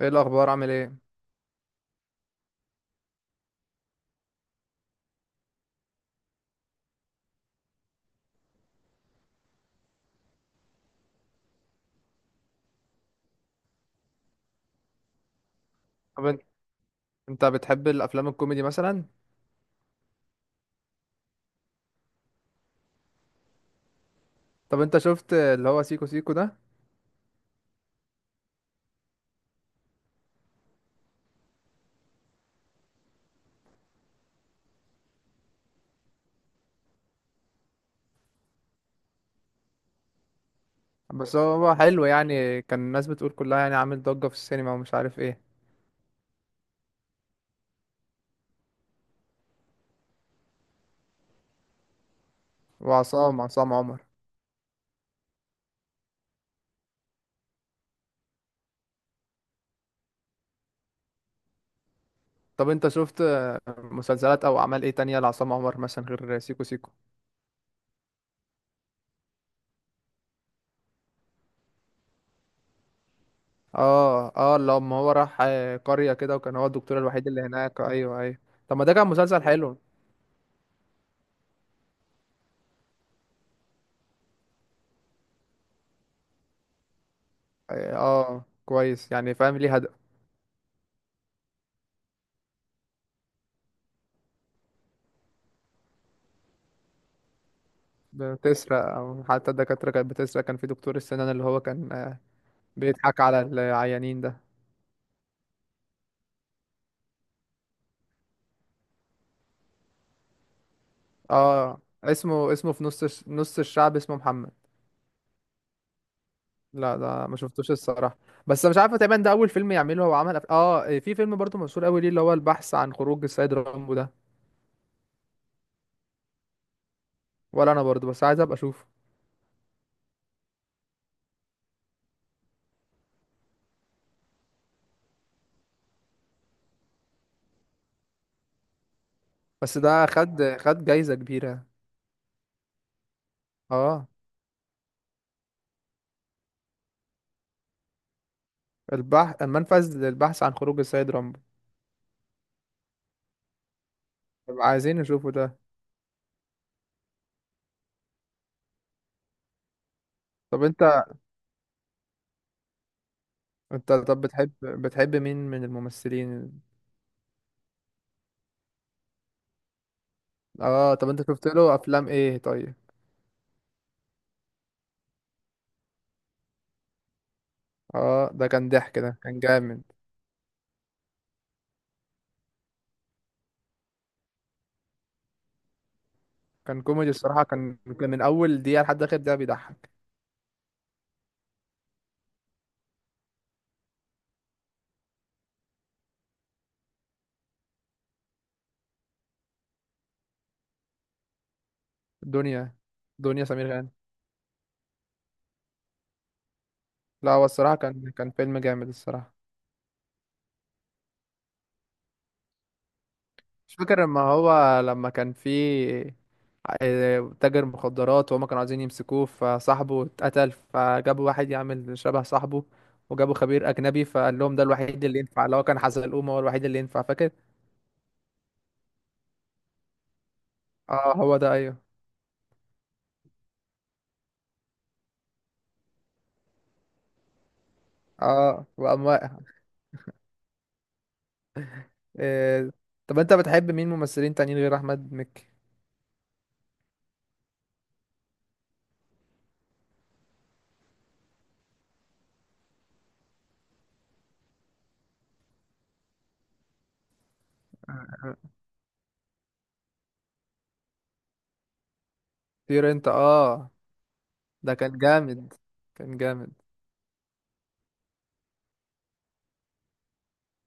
ايه الاخبار، عامل ايه؟ طب انت بتحب الافلام الكوميدي مثلا؟ طب انت شفت اللي هو سيكو سيكو ده؟ بس هو حلو يعني، كان الناس بتقول كلها يعني عامل ضجة في السينما ومش عارف ايه. وعصام عمر. طب انت شفت مسلسلات او اعمال ايه تانية لعصام عمر مثلا غير سيكو سيكو؟ اه اه، لما هو راح قرية كده وكان هو الدكتور الوحيد اللي هناك، ايوه ايوه. طب ما ده كان مسلسل حلو. اه كويس، يعني فاهم ليه هدف. بتسرق او حتى الدكاترة كانت بتسرق، كان في دكتور السنان اللي هو كان بيضحك على العيانين ده. اه، اسمه في نص نص الشعب اسمه محمد. لا ده ما شفتوش الصراحة. بس مش عارفة تقريبا ده أول فيلم يعمله، هو عمل أف... اه في فيلم برضو مشهور أوي ليه اللي هو البحث عن خروج السيد رامبو ده. ولا أنا برضو، بس عايز أبقى أشوفه. بس ده خد جايزة كبيرة. اه، البحث المنفذ للبحث عن خروج السيد رامبو. طب عايزين نشوفه ده. طب انت انت طب بتحب بتحب مين من الممثلين؟ اه، طب انت شفت له افلام ايه طيب؟ اه ده كان ضحك، ده كان جامد. كان كوميدي الصراحة، كان من أول دقيقة لحد آخر دقيقة بيضحك. دنيا دنيا سمير غانم. لا هو الصراحة كان فيلم جامد الصراحة. مش فاكر، لما كان في تاجر مخدرات، وهما كانوا عايزين يمسكوه، فصاحبه اتقتل، فجابوا واحد يعمل شبه صاحبه، وجابوا خبير أجنبي، فقال لهم ده الوحيد اللي ينفع اللي هو كان حزلقوم، هو الوحيد اللي ينفع، فاكر؟ اه هو ده أيوه. اه وقام واقع آه، طب أنت بتحب مين ممثلين تانيين غير أحمد مكي؟ طير أنت اه. ده كان جامد، كان جامد.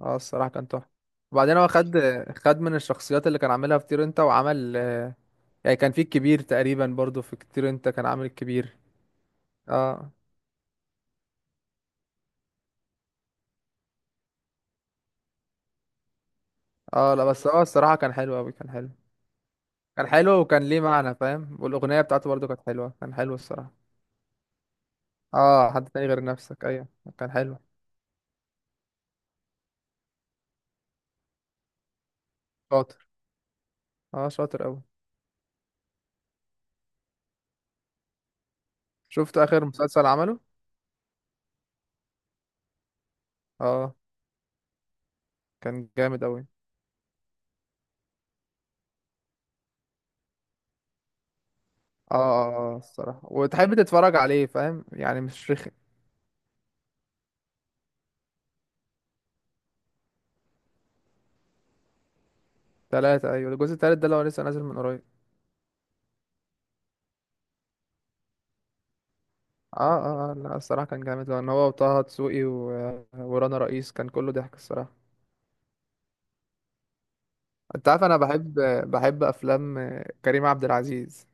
اه الصراحة كان تحفة. وبعدين هو خد من الشخصيات اللي كان عاملها في طير انت وعمل. يعني كان في الكبير تقريبا برضو، في طير انت كان عامل الكبير. اه اه، لا بس هو الصراحة كان حلو اوي، كان حلو. كان حلو، وكان ليه معنى فاهم، والأغنية بتاعته برضو كانت حلوة، كان حلو الصراحة. اه، حد تاني غير نفسك، ايوه. كان حلو. شاطر. اه شاطر اوي. شفت آخر مسلسل عمله؟ اه. كان جامد اوي. اه الصراحة، وتحب تتفرج عليه، فاهم يعني، مش رخ. تلاتة، أيوة، الجزء التالت ده اللي هو لسه نازل من قريب. اه اه اه، لا الصراحة كان جامد، لأن هو وطه دسوقي و... ورانا رئيس كان كله ضحك الصراحة. أنت عارف، أنا بحب أفلام كريم عبد العزيز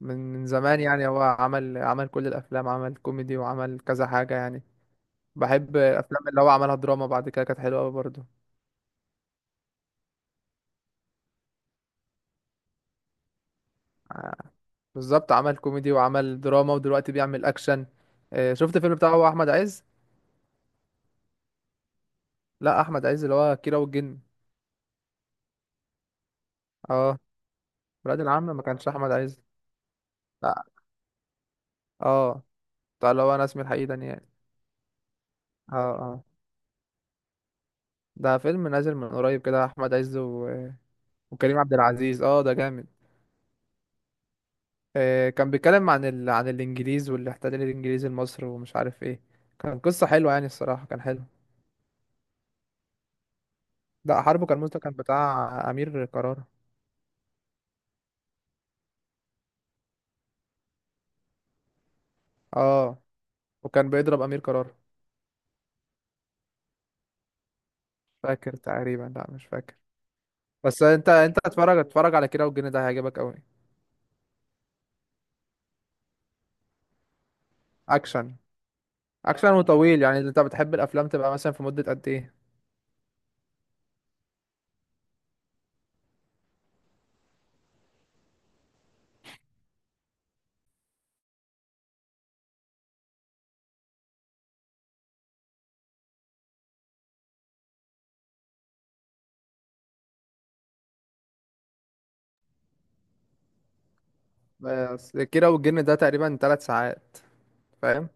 من زمان. يعني هو عمل كل الأفلام، عمل كوميدي وعمل كذا حاجة يعني. بحب الأفلام اللي هو عملها دراما بعد كده، كانت حلوة أوي برضه. بالظبط، عمل كوميدي وعمل دراما، ودلوقتي بيعمل أكشن. شفت الفيلم بتاعه هو أحمد عز؟ لا، أحمد عز اللي هو كيرة والجن. اه، ولاد العم ما كانش أحمد عز. لا. اه. بتاع اللي هو انا اسمي الحقيقي دانيال. اه اه، ده فيلم نازل من قريب كده، احمد عز و... وكريم عبد العزيز، اه ده جامد. كان بيتكلم عن عن الانجليز والاحتلال الانجليزي لمصر ومش عارف ايه. كان قصة حلوة يعني، الصراحة كان حلو. ده حربه كان مستر، كان بتاع امير قرار. اه وكان بيضرب امير قرار. فاكر تقريبا، لا مش فاكر. بس انت اتفرج على كيرة والجن ده، هيعجبك قوي. اكشن. اكشن وطويل، يعني انت بتحب الافلام تبقى مثلا في مدة قد ايه؟ بس كيرة والجن ده تقريبا 3 ساعات، فاهم؟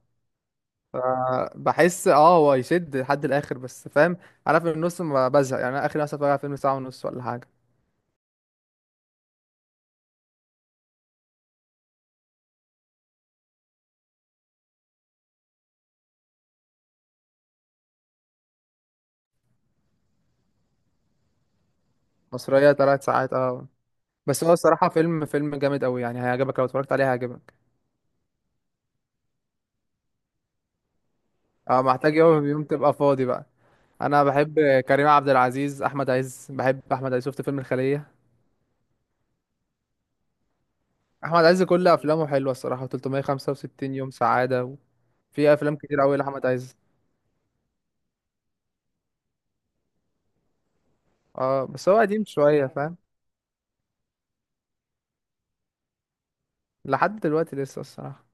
بحس هو يشد لحد الاخر، بس فاهم، انا في النص ما بزهق يعني، انا اخر مثلا بتفرج على فيلم ساعه ونص ولا حاجه. مصريه 3 ساعات، اه. بس هو الصراحه فيلم جامد قوي، يعني هيعجبك لو اتفرجت عليه، هيعجبك. اه محتاج يوم تبقى فاضي بقى. انا بحب كريم عبد العزيز، احمد عز، بحب احمد عز. شفت فيلم الخليه؟ احمد عز كل افلامه حلوه الصراحه، 365 يوم سعاده، وفي افلام كتير قوي لاحمد عز. اه بس هو قديم شويه فاهم. لحد دلوقتي لسه الصراحه.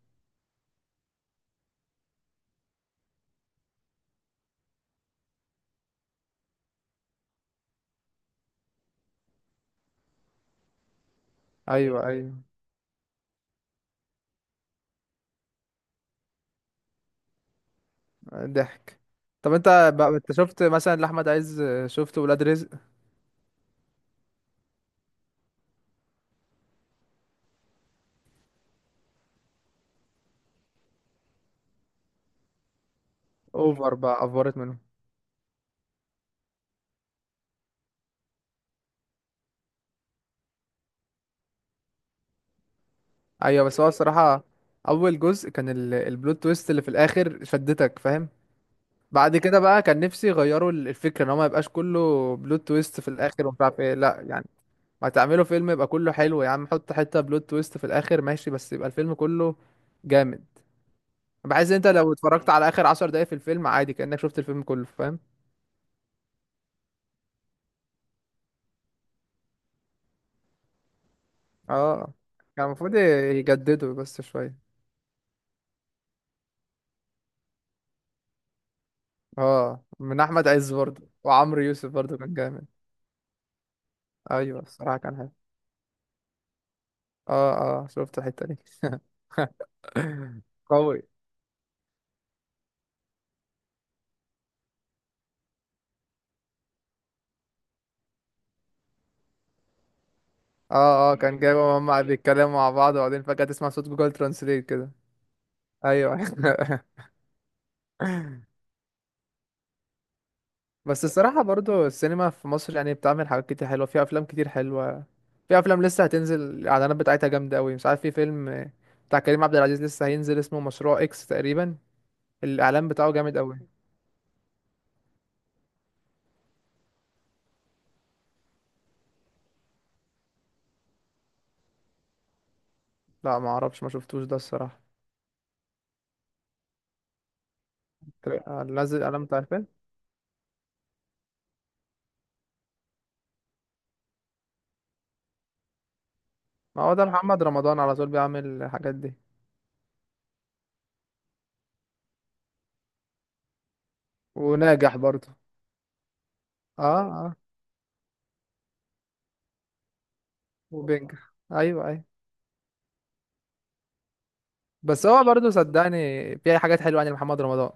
ايوه ايوه. ضحك. طب انت بقى، انت شفت مثلا لاحمد عز، شفت ولاد رزق؟ اوفر بقى، افورت منهم. ايوه، بس هو الصراحه اول جزء كان البلوت تويست اللي في الاخر شدتك فاهم. بعد كده بقى كان نفسي يغيروا الفكره، ان هو ما يبقاش كله بلوت تويست في الاخر ومش عارف ايه، لا يعني. ما تعملوا فيلم يبقى كله حلو يا عم، حط حته بلوت تويست في الاخر ماشي، بس يبقى الفيلم كله جامد، بحيث انت لو اتفرجت على اخر 10 دقايق في الفيلم عادي كانك شفت الفيلم كله فاهم. اه كان المفروض يجددوا بس شويه. اه، من احمد عز برضه، وعمرو يوسف برضه كان جامد. ايوه الصراحه كان حلو. اه اه. شفت الحته دي؟ قوي. اه اه كان جايبه، هما بيتكلموا مع بعض، وبعدين فجاه تسمع صوت جوجل ترانسليت كده. ايوه بس الصراحه برضه السينما في مصر يعني بتعمل حاجات كتير حلوه، فيها افلام كتير حلوه. في افلام لسه هتنزل، الاعلانات بتاعتها جامده قوي. مش عارف، في فيلم بتاع كريم عبد العزيز لسه هينزل اسمه مشروع اكس تقريبا، الاعلان بتاعه جامد قوي. لا ما اعرفش، ما شفتوش ده الصراحه. لازق علامة، عارفين. ما هو ده محمد رمضان على طول بيعمل الحاجات دي. وناجح برضه. اه اه، وبينجح، ايوه ايوه. بس هو برضه صدقني، في حاجات حلوة يعني محمد رمضان.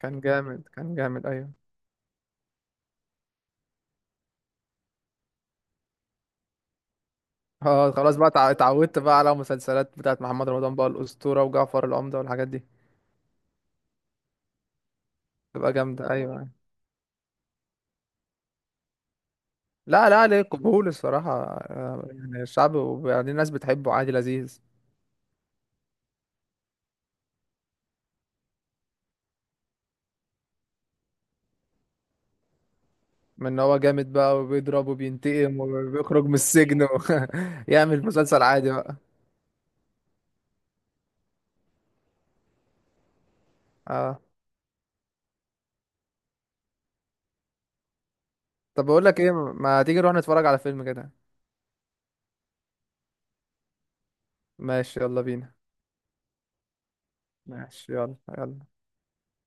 كان جامد، كان جامد، ايوه. اه خلاص بقى، اتعودت بقى على مسلسلات بتاعت محمد رمضان بقى، الأسطورة وجعفر العمدة والحاجات دي. تبقى جامدة، ايوه، أيوة. لا لا، عليه قبول الصراحة، يعني الشعب، وبعدين الناس بتحبه عادي، لذيذ. من ان هو جامد بقى وبيضرب وبينتقم وبيخرج من السجن و... يعمل مسلسل عادي بقى. اه طب، بقول لك ايه، ما تيجي نروح نتفرج على فيلم كده؟ ماشي يلا بينا. ماشي يلا يلا.